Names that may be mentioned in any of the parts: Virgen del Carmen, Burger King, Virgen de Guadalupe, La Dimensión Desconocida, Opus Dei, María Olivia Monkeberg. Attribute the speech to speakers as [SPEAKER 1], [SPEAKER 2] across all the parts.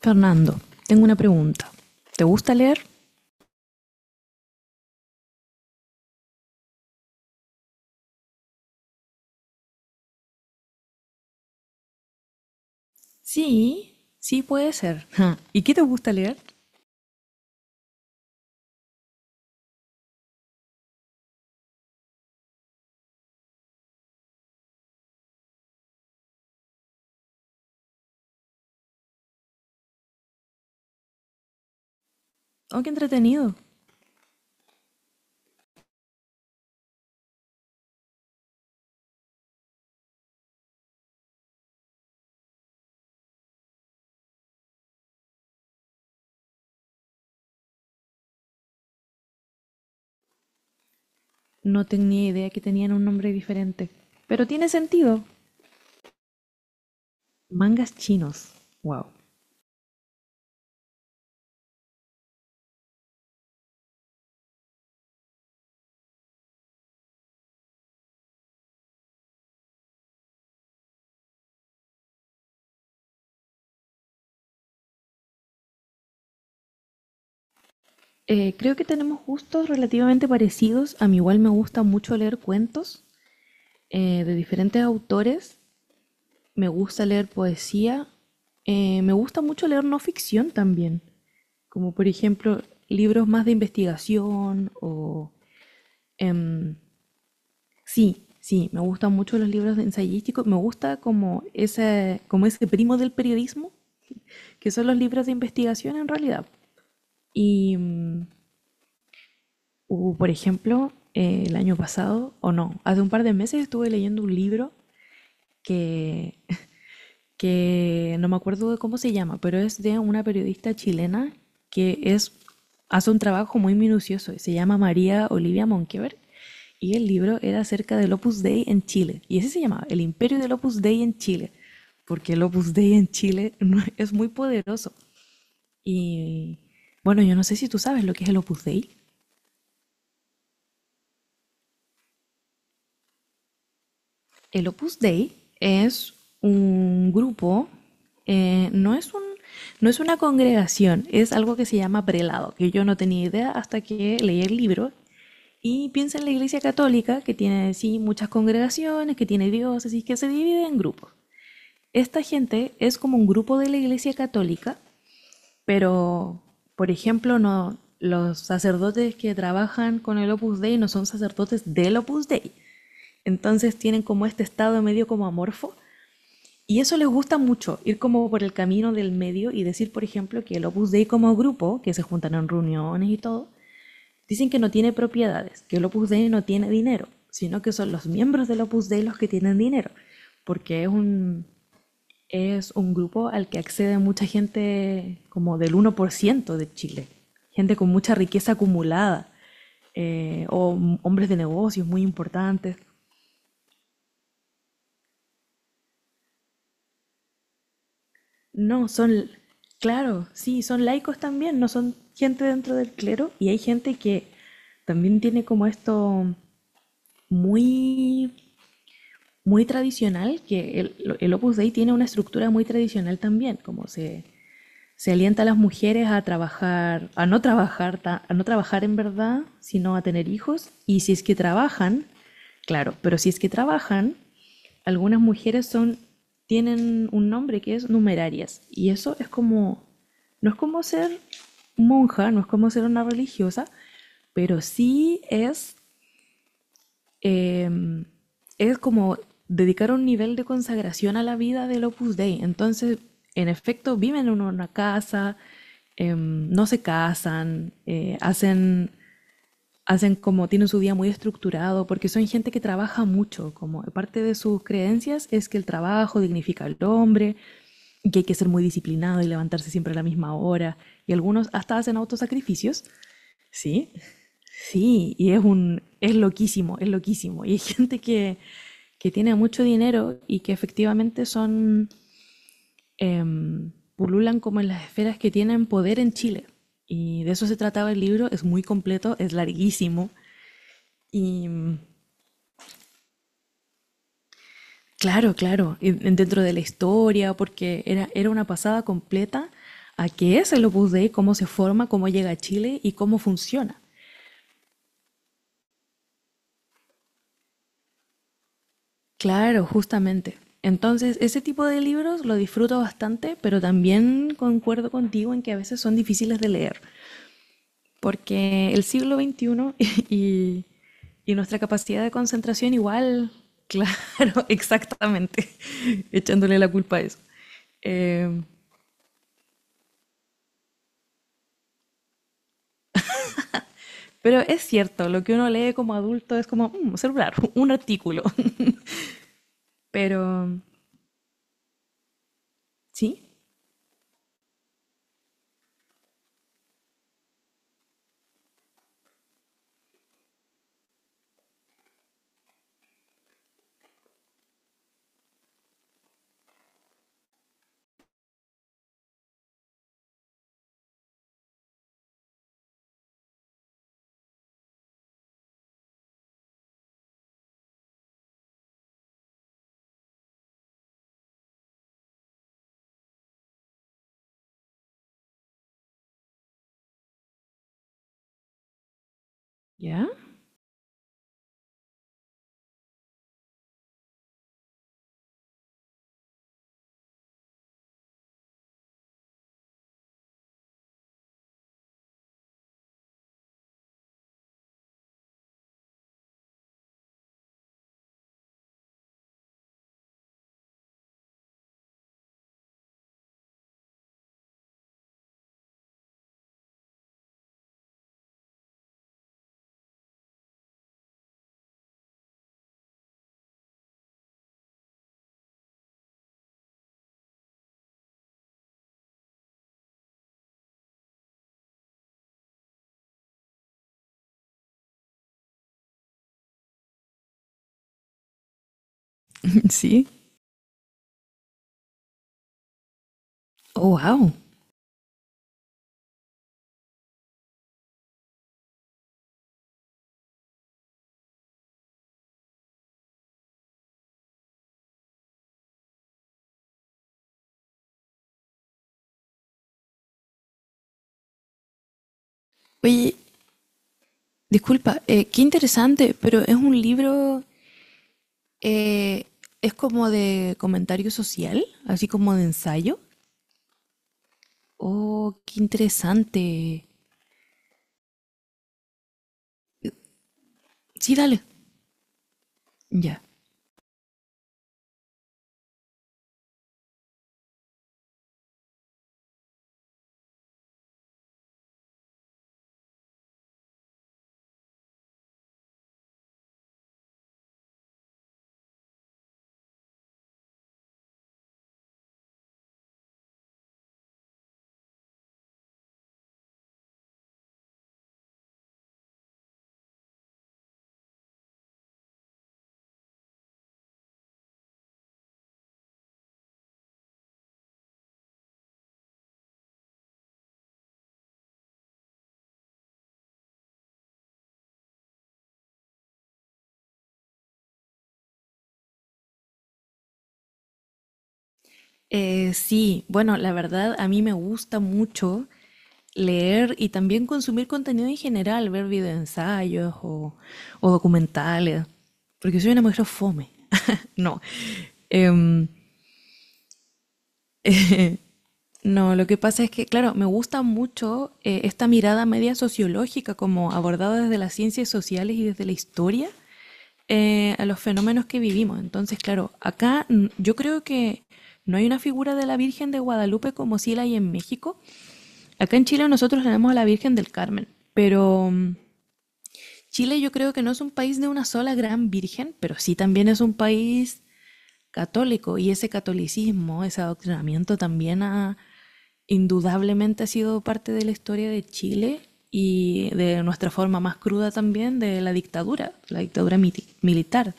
[SPEAKER 1] Fernando, tengo una pregunta. ¿Te gusta leer? Sí, sí puede ser. Ja, ¿y qué te gusta leer? Aunque entretenido. No tenía idea que tenían un nombre diferente. Pero tiene sentido. Mangas chinos. Wow. Creo que tenemos gustos relativamente parecidos. A mí igual me gusta mucho leer cuentos de diferentes autores. Me gusta leer poesía. Me gusta mucho leer no ficción también, como por ejemplo libros más de investigación o... Em, sí, sí, me gustan mucho los libros de ensayísticos. Me gusta como ese primo del periodismo, que son los libros de investigación en realidad. Y hubo, por ejemplo, el año pasado, o no, hace un par de meses estuve leyendo un libro que que no me acuerdo de cómo se llama, pero es de una periodista chilena que es, hace un trabajo muy minucioso. Y se llama María Olivia Monkeberg y el libro era acerca del Opus Dei en Chile. Y ese se llamaba El Imperio del Opus Dei en Chile, porque el Opus Dei en Chile es muy poderoso. Y bueno, yo no sé si tú sabes lo que es el Opus Dei. El Opus Dei es un grupo, no es un, no es una congregación, es algo que se llama prelado, que yo no tenía idea hasta que leí el libro. Y piensa en la Iglesia Católica, que tiene sí muchas congregaciones, que tiene diócesis, que se divide en grupos. Esta gente es como un grupo de la Iglesia Católica, pero, por ejemplo, no, los sacerdotes que trabajan con el Opus Dei no son sacerdotes del Opus Dei. Entonces tienen como este estado medio como amorfo, y eso les gusta mucho, ir como por el camino del medio y decir, por ejemplo, que el Opus Dei como grupo, que se juntan en reuniones y todo, dicen que no tiene propiedades, que el Opus Dei no tiene dinero, sino que son los miembros del Opus Dei los que tienen dinero, porque es un grupo al que accede mucha gente como del uno por ciento de Chile, gente con mucha riqueza acumulada, o hombres de negocios muy importantes. No, son, claro, sí, son laicos también, no son gente dentro del clero y hay gente que también tiene como esto muy, muy tradicional, que el Opus Dei tiene una estructura muy tradicional también, como se alienta a las mujeres a trabajar, a no trabajar, a no trabajar en verdad, sino a tener hijos. Y si es que trabajan, claro, pero si es que trabajan, algunas mujeres son, tienen un nombre que es numerarias. Y eso es como, no es como ser monja, no es como ser una religiosa, pero sí es em, es como dedicar un nivel de consagración a la vida del Opus Dei. Entonces, en efecto, viven en una casa, no se casan, hacen, hacen como, tienen su día muy estructurado, porque son gente que trabaja mucho, como parte de sus creencias es que el trabajo dignifica al hombre, y que hay que ser muy disciplinado y levantarse siempre a la misma hora, y algunos hasta hacen autosacrificios, ¿sí? Sí, y es un, es loquísimo, es loquísimo. Y hay gente que tiene mucho dinero y que efectivamente son, em, pululan como en las esferas que tienen poder en Chile. Y de eso se trataba el libro, es muy completo, es larguísimo. Y claro, claro, y dentro de la historia, porque era, era una pasada completa a qué es el Opus Dei, cómo se forma, cómo llega a Chile y cómo funciona. Claro, justamente. Entonces, ese tipo de libros lo disfruto bastante, pero también concuerdo contigo en que a veces son difíciles de leer, porque el siglo XXI y, y nuestra capacidad de concentración igual, claro, exactamente, echándole la culpa a eso. Eh, pero es cierto, lo que uno lee como adulto es como un celular, un artículo. Pero, ¿sí? ¿Ya? Sí. Oh, wow. Oye, disculpa, qué interesante, pero es un libro, eh, es como de comentario social, así como de ensayo. Oh, qué interesante. Sí, dale. Ya. Sí, bueno, la verdad a mí me gusta mucho leer y también consumir contenido en general, ver videoensayos o documentales, porque soy una mujer fome. No. Em, No, lo que pasa es que, claro, me gusta mucho esta mirada media sociológica, como abordada desde las ciencias sociales y desde la historia a los fenómenos que vivimos. Entonces, claro, acá yo creo que no hay una figura de la Virgen de Guadalupe como sí la hay en México. Acá en Chile nosotros tenemos a la Virgen del Carmen, pero Chile yo creo que no es un país de una sola gran virgen, pero sí también es un país católico y ese catolicismo, ese adoctrinamiento también ha indudablemente ha sido parte de la historia de Chile y de nuestra forma más cruda también de la dictadura militar.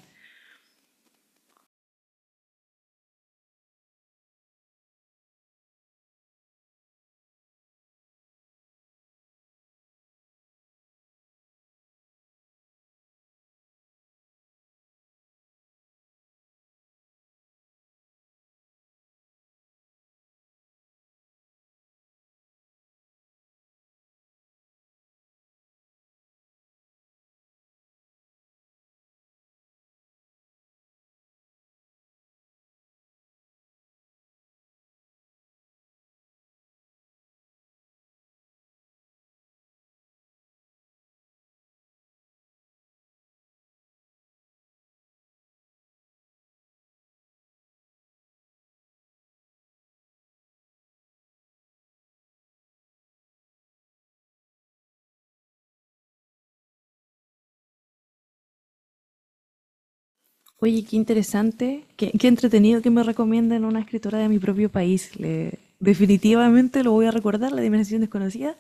[SPEAKER 1] Oye, qué interesante, qué, qué entretenido que me recomienden una escritora de mi propio país. Le, definitivamente lo voy a recordar, La Dimensión Desconocida,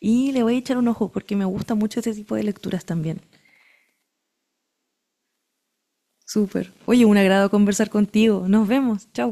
[SPEAKER 1] y le voy a echar un ojo porque me gusta mucho este tipo de lecturas también. Súper. Oye, un agrado conversar contigo. Nos vemos. Chau.